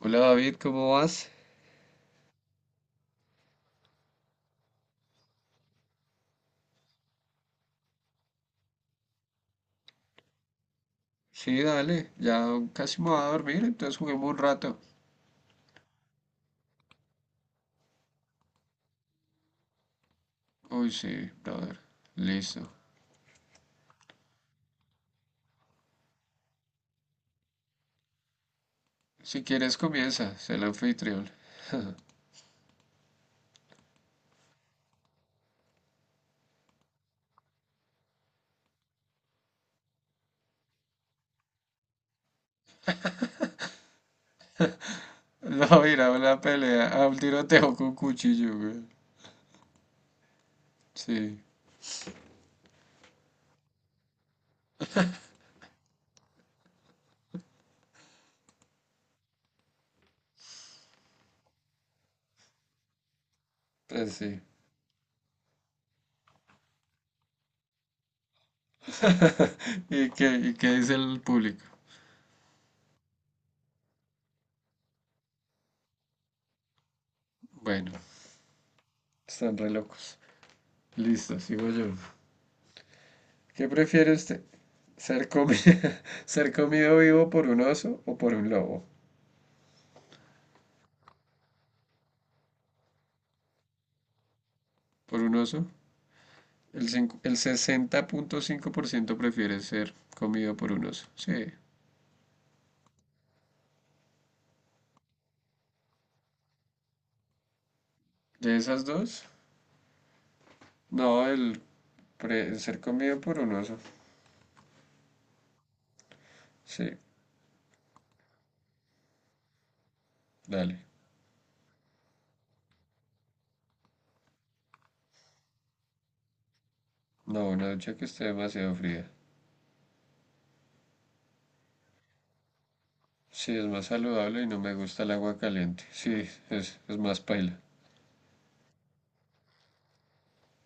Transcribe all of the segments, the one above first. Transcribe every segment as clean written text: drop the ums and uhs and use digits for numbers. Hola David, ¿cómo vas? Sí, dale, ya casi me voy a dormir, entonces juguemos un rato. Uy, sí, brother, listo. Si quieres comienza, sé el anfitrión. No, mira, una pelea, a un tiroteo con cuchillo, güey. Sí, pues sí. Y qué dice el público? Bueno, están re locos. Listo, sigo yo. ¿Qué prefiere usted? ¿Ser comi- ser comido vivo por un oso o por un lobo? ¿Por un oso? El, 60.5- el ciento prefiere ser comido por un oso. Sí. ¿De esas dos? No, el, pre- el ser comido por un oso. Sí, dale. No, una ducha que esté demasiado fría. Sí, es más saludable y no me gusta el agua caliente. Sí, es más paila.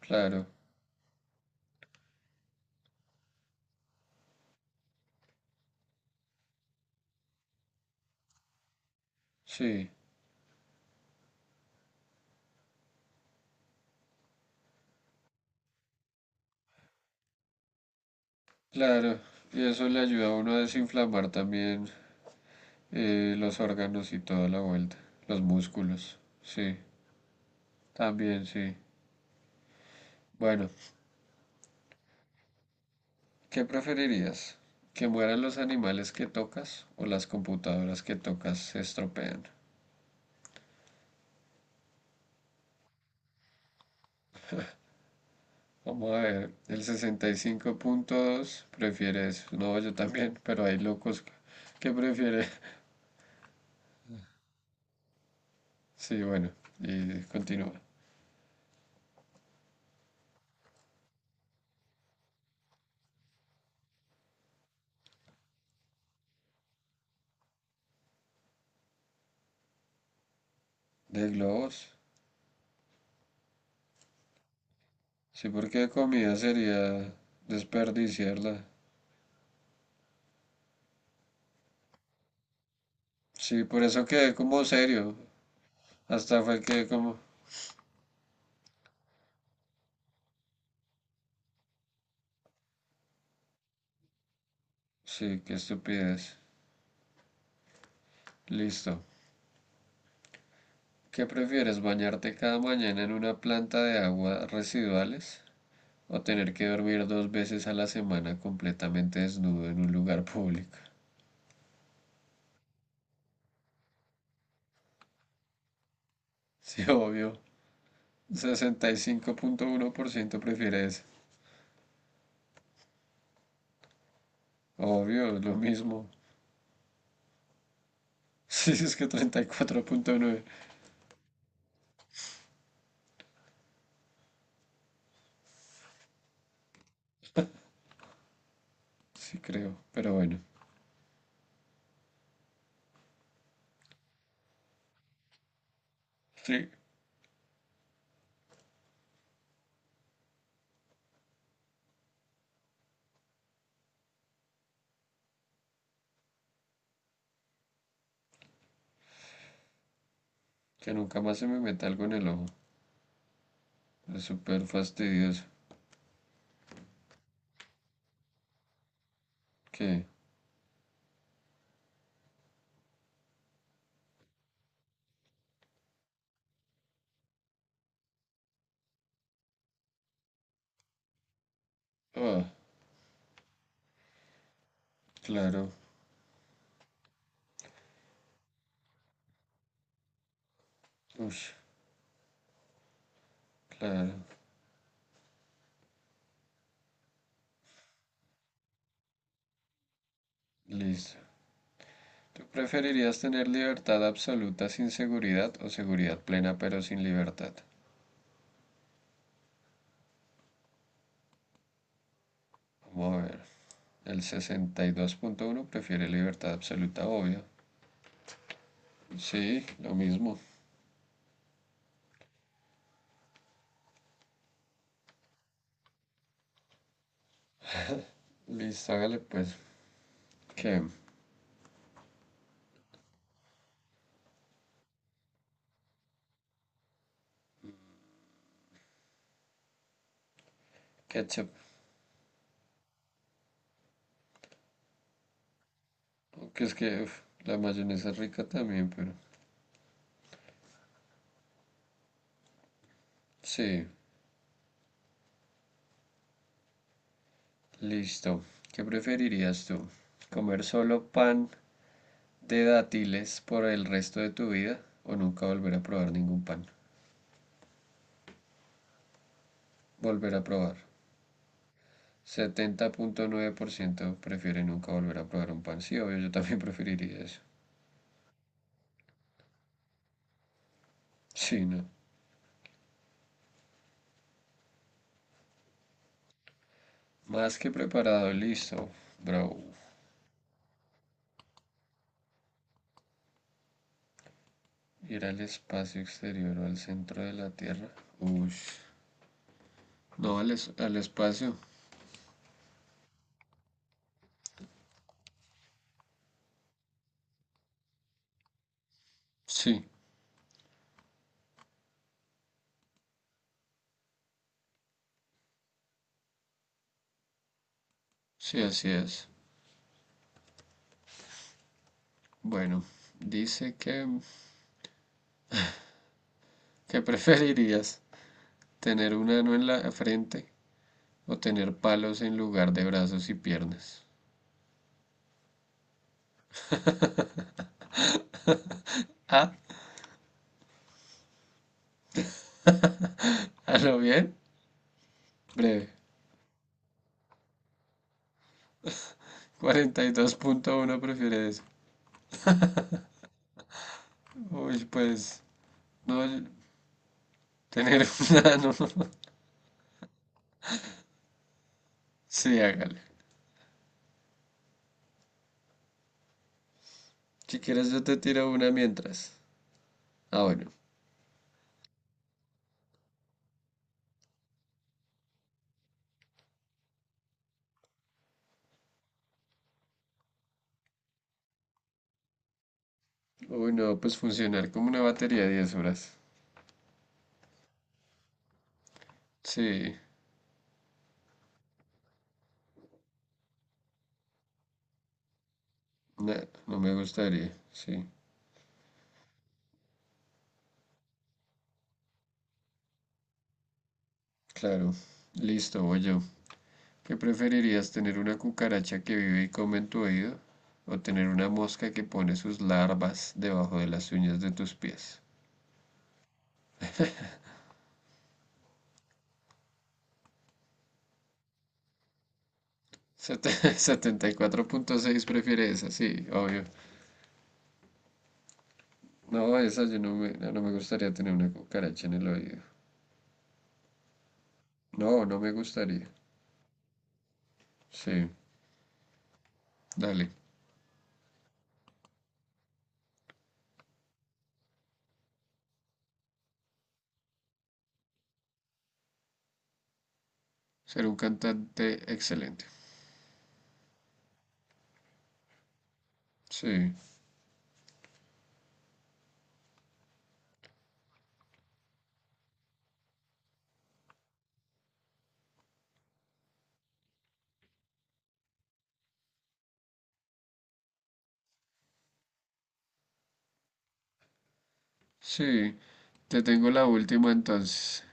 Claro, sí, claro. Y eso le ayuda a uno a desinflamar también los órganos y toda la vuelta. Los músculos. Sí, también sí. Bueno, ¿qué preferirías? ¿Que mueran los animales que tocas o las computadoras que tocas se estropean? Vamos a ver, el 65.2 prefiere eso. No, yo también, pero hay locos que prefieren. Sí, bueno, y continúa. ¿De globos? Sí, porque comida sería desperdiciarla. Sí, por eso quedé como serio. Hasta fue que como... Sí, qué estupidez. Listo. ¿Qué prefieres, bañarte cada mañana en una planta de aguas residuales o tener que dormir dos veces a la semana completamente desnudo en un lugar público? Sí, obvio. 65.1% prefiere eso. Obvio, es lo mismo. Sí, es que 34.9. Sí, creo. Pero bueno. Sí. Que nunca más se me meta algo en el ojo. Es súper fastidioso. Que. Ah, claro. Ush, claro. Listo. ¿Tú preferirías tener libertad absoluta sin seguridad o seguridad plena pero sin libertad? Vamos a ver. El 62.1 prefiere libertad absoluta, obvio. Sí, lo mismo. Listo, hágale pues. ¿Qué? Ketchup. Aunque es que uf, la mayonesa es rica también, pero. Sí, listo. ¿Qué preferirías tú? ¿Comer solo pan de dátiles por el resto de tu vida o nunca volver a probar ningún pan? Volver a probar. 70.9% prefiere nunca volver a probar un pan. Sí, obvio, yo también preferiría eso. Sí, no. Más que preparado, listo, bro. Ir al espacio exterior o al centro de la Tierra. Ush. No, al, es- al espacio. Sí, sí, así es. Bueno, dice que preferirías tener un ano en la frente o tener palos en lugar de brazos y piernas. Ah, a lo bien. Breve. 42.1 prefiere eso. Uy, pues, no, el- tener una. Nano. Sí, hágale. Si quieres, yo te tiro una mientras. Ah, bueno. Uy, no, pues funcionar como una batería 10 horas. Sí, no, no me gustaría. Sí, claro. Listo, voy yo. ¿Qué preferirías, tener una cucaracha que vive y come en tu oído? ¿O tener una mosca que pone sus larvas debajo de las uñas de tus pies? Sete- 74.6 prefiere esa, sí, obvio. No, esa yo no me gustaría tener una cucaracha en el oído. No, no me gustaría. Sí, dale. Ser un cantante excelente. Sí, sí. Te tengo la última entonces.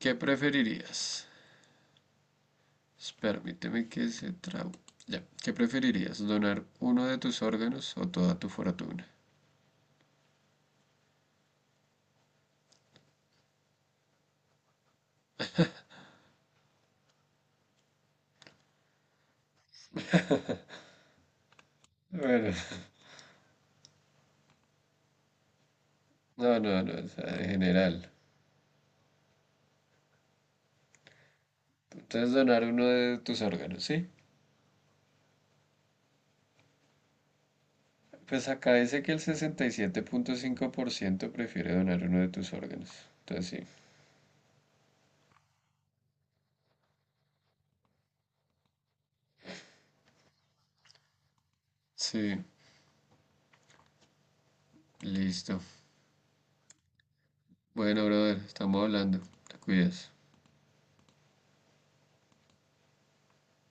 ¿Qué preferirías? Permíteme que se trau... Ya. ¿Qué preferirías? ¿Donar uno de tus órganos o toda tu fortuna? Bueno, no, no, no, o sea, en general. Entonces donar uno de tus órganos, ¿sí? Pues acá dice que el 67.5% prefiere donar uno de tus órganos. Entonces sí. Sí, listo. Bueno, brother, estamos hablando. Te cuidas.